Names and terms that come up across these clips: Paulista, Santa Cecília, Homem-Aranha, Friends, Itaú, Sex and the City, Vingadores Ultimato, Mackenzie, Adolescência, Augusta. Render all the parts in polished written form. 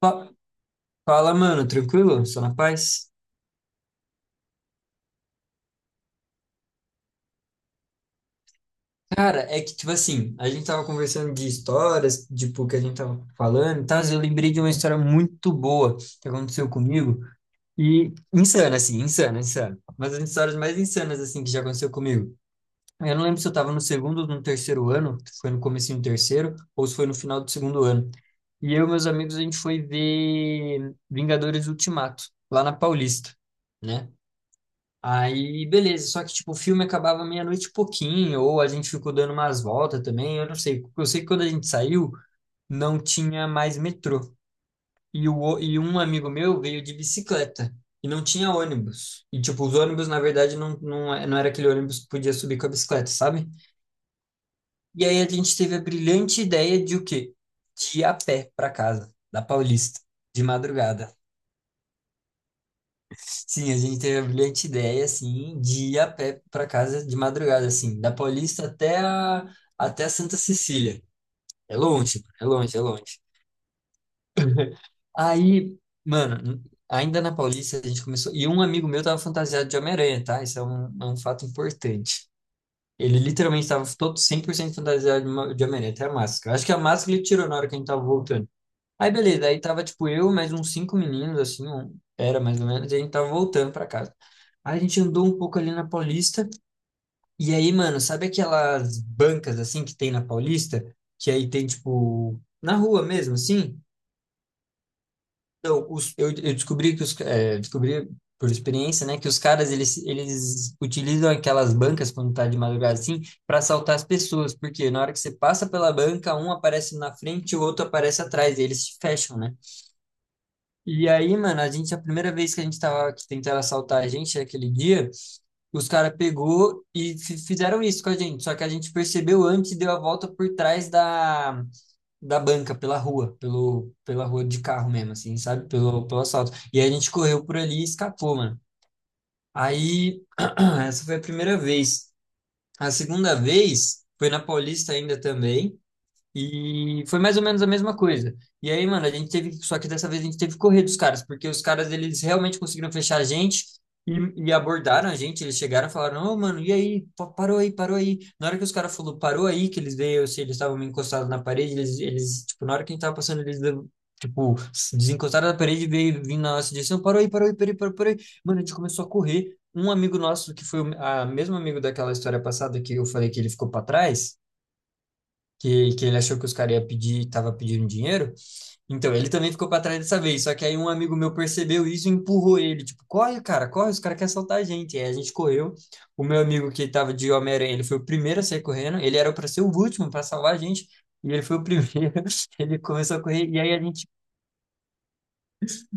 Fa- Fala, mano, tranquilo? Só na paz? Cara, é que, tipo assim, a gente tava conversando de histórias, tipo, que a gente tava falando e tal, eu lembrei de uma história muito boa que aconteceu comigo, e insana, assim, insana, insana. Uma das histórias mais insanas, assim, que já aconteceu comigo. Eu não lembro se eu tava no segundo ou no terceiro ano, se foi no comecinho do terceiro, ou se foi no final do segundo ano. E eu e meus amigos, a gente foi ver Vingadores Ultimato, lá na Paulista, né? Aí, beleza, só que tipo, o filme acabava meia-noite e pouquinho, ou a gente ficou dando umas voltas também, eu não sei. Eu sei que quando a gente saiu, não tinha mais metrô. E um amigo meu veio de bicicleta e não tinha ônibus. E tipo, os ônibus, na verdade, não, não, não era aquele ônibus que podia subir com a bicicleta, sabe? E aí a gente teve a brilhante ideia de o quê? De ir a pé para casa, da Paulista, de madrugada. Sim, a gente teve a brilhante ideia, assim, de ir a pé para casa de madrugada, assim, da Paulista até a Santa Cecília. É longe, é longe, é longe. Aí, mano, ainda na Paulista a gente começou. E um amigo meu tava fantasiado de Homem-Aranha, tá? Isso é um fato importante. Ele literalmente tava todo 100% fantasiado de Homem-Aranha, até a máscara. Acho que a máscara ele tirou na hora que a gente tava voltando. Aí beleza, aí tava tipo eu, mais uns cinco meninos, assim, era mais ou menos, e a gente tava voltando pra casa. Aí a gente andou um pouco ali na Paulista, e aí, mano, sabe aquelas bancas assim que tem na Paulista? Que aí tem tipo, na rua mesmo, assim? Então, eu descobri por experiência, né, que os caras eles utilizam aquelas bancas quando tá de madrugada assim pra assaltar as pessoas, porque na hora que você passa pela banca, um aparece na frente e o outro aparece atrás, e eles se fecham, né? E aí, mano, a gente, a primeira vez que a gente tava, que tentaram assaltar a gente aquele dia, os caras pegou e fizeram isso com a gente. Só que a gente percebeu antes e deu a volta por trás da banca, pela rua de carro mesmo, assim, sabe? Pelo assalto. E a gente correu por ali e escapou, mano. Aí, essa foi a primeira vez. A segunda vez foi na Paulista ainda também. E foi mais ou menos a mesma coisa. E aí, mano, a gente teve, só que dessa vez a gente teve que correr dos caras, porque os caras eles realmente conseguiram fechar a gente e, e abordaram a gente. Eles chegaram e falaram: Ô, mano, e aí? Parou aí, parou aí. Na hora que os caras falou parou aí, que eles veio, se eles estavam meio encostados na parede, eles, tipo, na hora que a gente tava passando, tipo, se desencostaram da parede e veio vindo na nossa direção: parou aí, parou aí, parou aí, parou parou aí. Mano, a gente começou a correr. Um amigo nosso, que foi o a mesmo amigo daquela história passada que eu falei que ele ficou pra trás que ele achou que os caras iam pedir, estava pedindo dinheiro. Então, ele também ficou para trás dessa vez. Só que aí um amigo meu percebeu isso e empurrou ele. Tipo, corre, cara, corre, os caras querem assaltar a gente. Aí a gente correu. O meu amigo que estava de Homem-Aranha, ele foi o primeiro a sair correndo. Ele era para ser o último para salvar a gente. E ele foi o primeiro. Ele começou a correr. E aí a gente.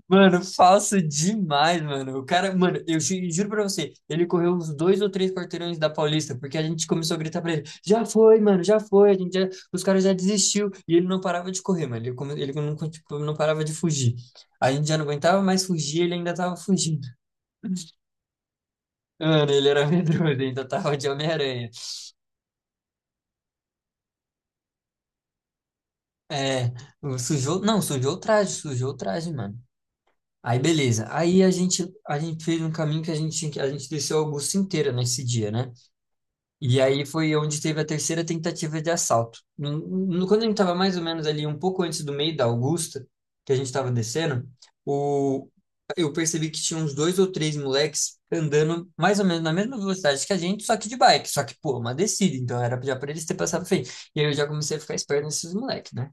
Mano, falso demais, mano. O cara, mano, eu juro pra você, ele correu uns dois ou três quarteirões da Paulista, porque a gente começou a gritar pra ele: já foi, mano, já foi, a gente já, os caras já desistiu. E ele não parava de correr, mano. Ele, ele não, tipo, não parava de fugir. A gente já não aguentava mais fugir, ele ainda tava fugindo. Mano, ele era medroso, ele ainda tava de Homem-Aranha. É, sujou, não, sujou o traje, mano. Aí beleza. Aí a gente fez um caminho que a gente, a gente desceu a Augusta inteira nesse dia, né? E aí foi onde teve a terceira tentativa de assalto. Quando a gente estava mais ou menos ali, um pouco antes do meio da Augusta, que a gente estava descendo, o... eu percebi que tinha uns dois ou três moleques andando mais ou menos na mesma velocidade que a gente, só que de bike. Só que, pô, uma descida, então era já para eles ter passado feio. E aí eu já comecei a ficar esperto nesses moleques, né?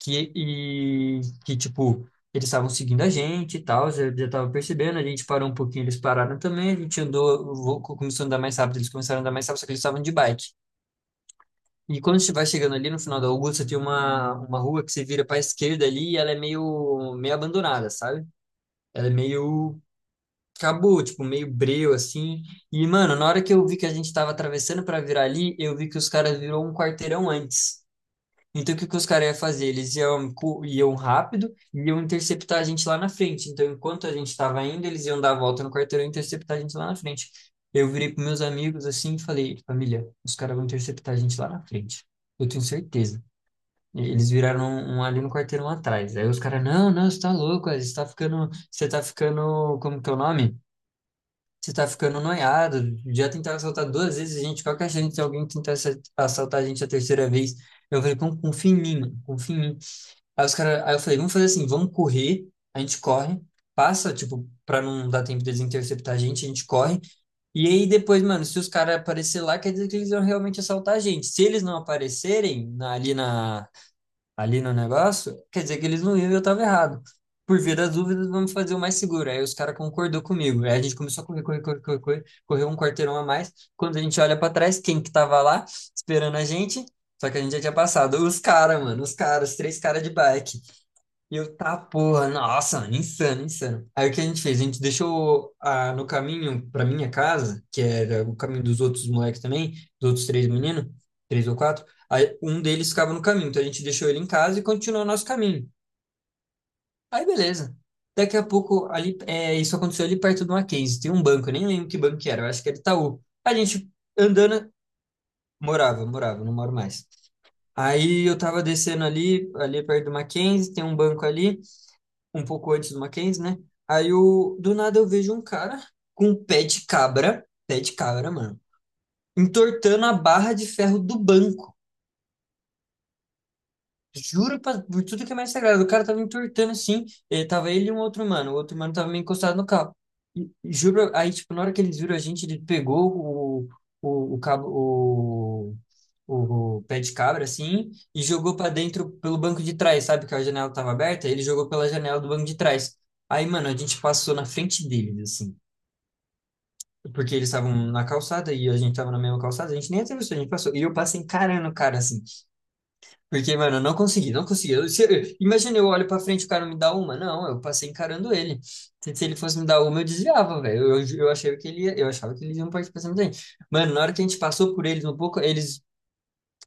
Que, e, que tipo, eles estavam seguindo a gente e tal, já, já tava percebendo, a gente parou um pouquinho, eles pararam também, a gente andou, começou a andar mais rápido, eles começaram a andar mais rápido, só que eles estavam de bike. E quando você vai chegando ali no final da Augusta, tem uma, rua que você vira para a esquerda ali e ela é meio abandonada, sabe? Ela é meio, acabou, tipo, meio breu, assim. E, mano, na hora que eu vi que a gente tava atravessando para virar ali, eu vi que os caras virou um quarteirão antes. Então, o que que os caras iam fazer? Eles iam, iam rápido e iam interceptar a gente lá na frente. Então, enquanto a gente estava indo, eles iam dar a volta no quarteirão e interceptar a gente lá na frente. Eu virei para meus amigos assim e falei: família, os caras vão interceptar a gente lá na frente. Eu tenho certeza. E eles viraram um ali no quarteirão atrás. Aí os caras: não, não, você tá louco, você tá ficando, como que é o nome? Você tá ficando noiado. Já tentaram assaltar duas vezes a gente. Qual que é a chance de alguém tentar assaltar a gente a terceira vez? Eu falei, confia em mim, mano, confia em mim. Aí os caras, aí eu falei, vamos fazer assim, vamos correr. A gente corre, passa, tipo, pra não dar tempo deles interceptar a gente corre. E aí depois, mano, se os caras aparecer lá, quer dizer que eles vão realmente assaltar a gente. Se eles não aparecerem ali na, ali no negócio, quer dizer que eles não iam e eu estava errado. Por via das dúvidas, vamos fazer o mais seguro. Aí os caras concordou comigo. Aí a gente começou a correr, correr, correr, correr, correr, correu um quarteirão a mais. Quando a gente olha para trás, quem que tava lá esperando a gente? Só que a gente já tinha passado. Os caras, mano, os caras, os três caras de bike. E eu, tá, porra, nossa, mano, insano, insano. Aí o que a gente fez? A gente deixou ah, no caminho pra minha casa, que era o caminho dos outros moleques também, dos outros três meninos, três ou quatro. Aí um deles ficava no caminho, então a gente deixou ele em casa e continuou o nosso caminho. Aí beleza. Daqui a pouco, ali, é, isso aconteceu ali perto do Mackenzie, tem um banco, eu nem lembro que banco que era, eu acho que era Itaú. A gente andando, morava, morava, não moro mais. Aí eu tava descendo ali, ali perto do Mackenzie, tem um banco ali um pouco antes do Mackenzie, né? Aí eu, do nada eu vejo um cara com um pé de cabra, mano, entortando a barra de ferro do banco. Juro pra- por tudo que é mais sagrado. O cara tava entortando assim. Ele, tava ele e um outro mano. O outro mano tava meio encostado no carro. E juro, aí, tipo, na hora que eles viram a gente, ele pegou o, o, cabo, o pé de cabra, assim, e jogou pra dentro pelo banco de trás, sabe? Que a janela tava aberta. Ele jogou pela janela do banco de trás. Aí, mano, a gente passou na frente deles, assim. Porque eles estavam na calçada e a gente tava na mesma calçada, a gente nem atravessou, a gente passou. E eu passei encarando o cara, assim. Porque, mano, eu não consegui, não consegui. Eu- se eu- imagina, eu olho pra frente e o cara me dá uma. Não, eu passei encarando ele. Se ele fosse me dar uma, eu desviava, velho. Eu achei que ele ia, eu achava que eles iam partir pra cima da Mano, na hora que a gente passou por eles um pouco, eles,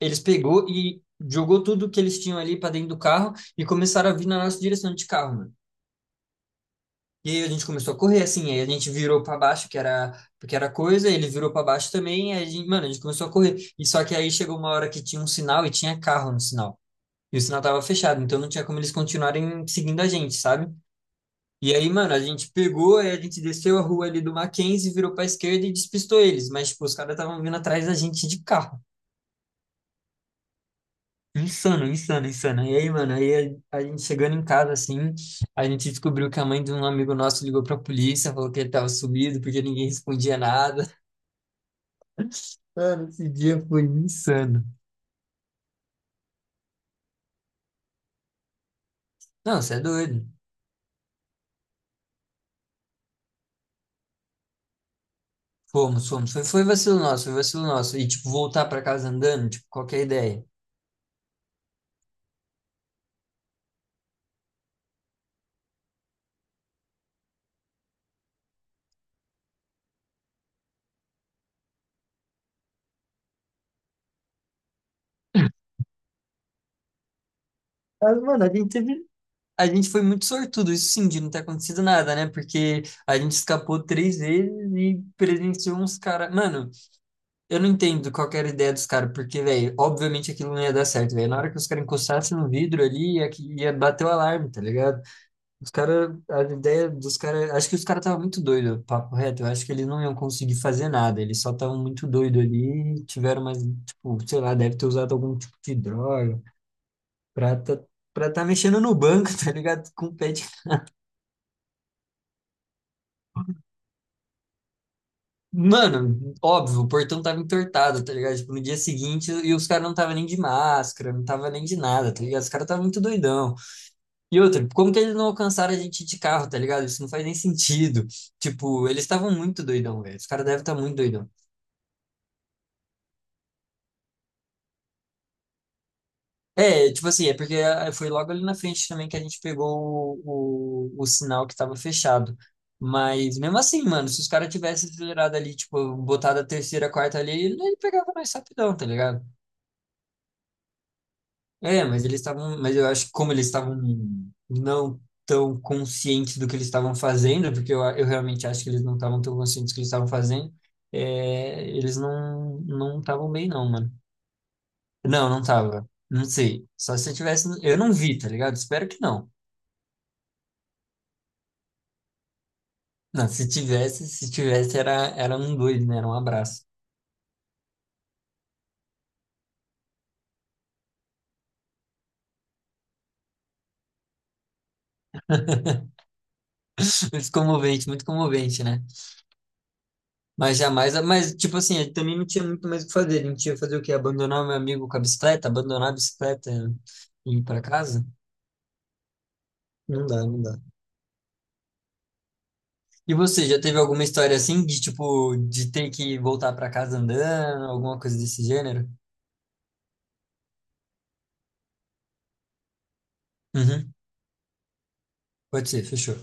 eles pegou e jogou tudo que eles tinham ali pra dentro do carro e começaram a vir na nossa direção de carro, mano. E aí a gente começou a correr, assim, aí a gente virou pra baixo, que era coisa, ele virou pra baixo também, aí a gente, mano, a gente começou a correr. E só que aí chegou uma hora que tinha um sinal e tinha carro no sinal. E o sinal tava fechado, então não tinha como eles continuarem seguindo a gente, sabe? E aí, mano, a gente pegou, aí a gente desceu a rua ali do Mackenzie, virou pra esquerda e despistou eles. Mas, tipo, os caras estavam vindo atrás da gente de carro. Insano, insano, insano. E aí, mano, aí a gente chegando em casa, assim, a gente descobriu que a mãe de um amigo nosso ligou pra polícia, falou que ele tava sumido, porque ninguém respondia nada. Mano, esse dia foi insano. Não, você é doido. Fomos, fomos. Foi, foi vacilo nosso, foi vacilo nosso. E, tipo, voltar pra casa andando, tipo, qualquer ideia. Mas, mano, a gente teve- a gente foi muito sortudo, isso sim, de não ter acontecido nada, né? Porque a gente escapou 3 vezes e presenciou uns caras. Mano, eu não entendo qual que era a ideia dos caras, porque, velho, obviamente aquilo não ia dar certo, velho. Na hora que os caras encostassem no vidro ali, ia, que- ia bater o alarme, tá ligado? Os caras, a ideia dos caras. Acho que os caras estavam muito doidos, papo reto. Eu acho que eles não iam conseguir fazer nada, eles só estavam muito doidos ali, e tiveram mais, tipo, sei lá, deve ter usado algum tipo de droga. Pra tá, pra tá mexendo no banco, tá ligado? Com o pé de... Mano, óbvio, o portão tava entortado, tá ligado? Tipo, no dia seguinte, e os caras não tava nem de máscara, não tava nem de nada, tá ligado? Os caras estavam muito doidão. E outra, como que eles não alcançaram a gente de carro, tá ligado? Isso não faz nem sentido. Tipo, eles estavam muito doidão, velho. Os caras devem estar muito doidão. É, tipo assim, é porque ah, foi logo ali na frente também que a gente pegou o sinal que tava fechado. Mas mesmo assim, mano, se os caras tivessem acelerado ali, tipo, botado a terceira, a quarta ali, ele pegava mais rapidão, tá ligado? É, mas eles estavam, mas eu acho que como eles estavam não tão conscientes do que eles estavam fazendo, porque eu realmente acho que eles não estavam tão conscientes do que eles estavam fazendo, é, eles não estavam bem não, mano. Não, não tava. Não sei. Só se eu tivesse. Eu não vi, tá ligado? Espero que não. Não, se tivesse, se tivesse, era um dois, né? Era um abraço. Muito comovente, né? Mas jamais, mas tipo assim, ele também não tinha muito mais o que fazer. A gente ia fazer o quê? Abandonar o meu amigo com a bicicleta? Abandonar a bicicleta e ir pra casa? Não dá, não dá. E você, já teve alguma história assim de tipo, de ter que voltar pra casa andando, alguma coisa desse gênero? Uhum, pode ser, fechou.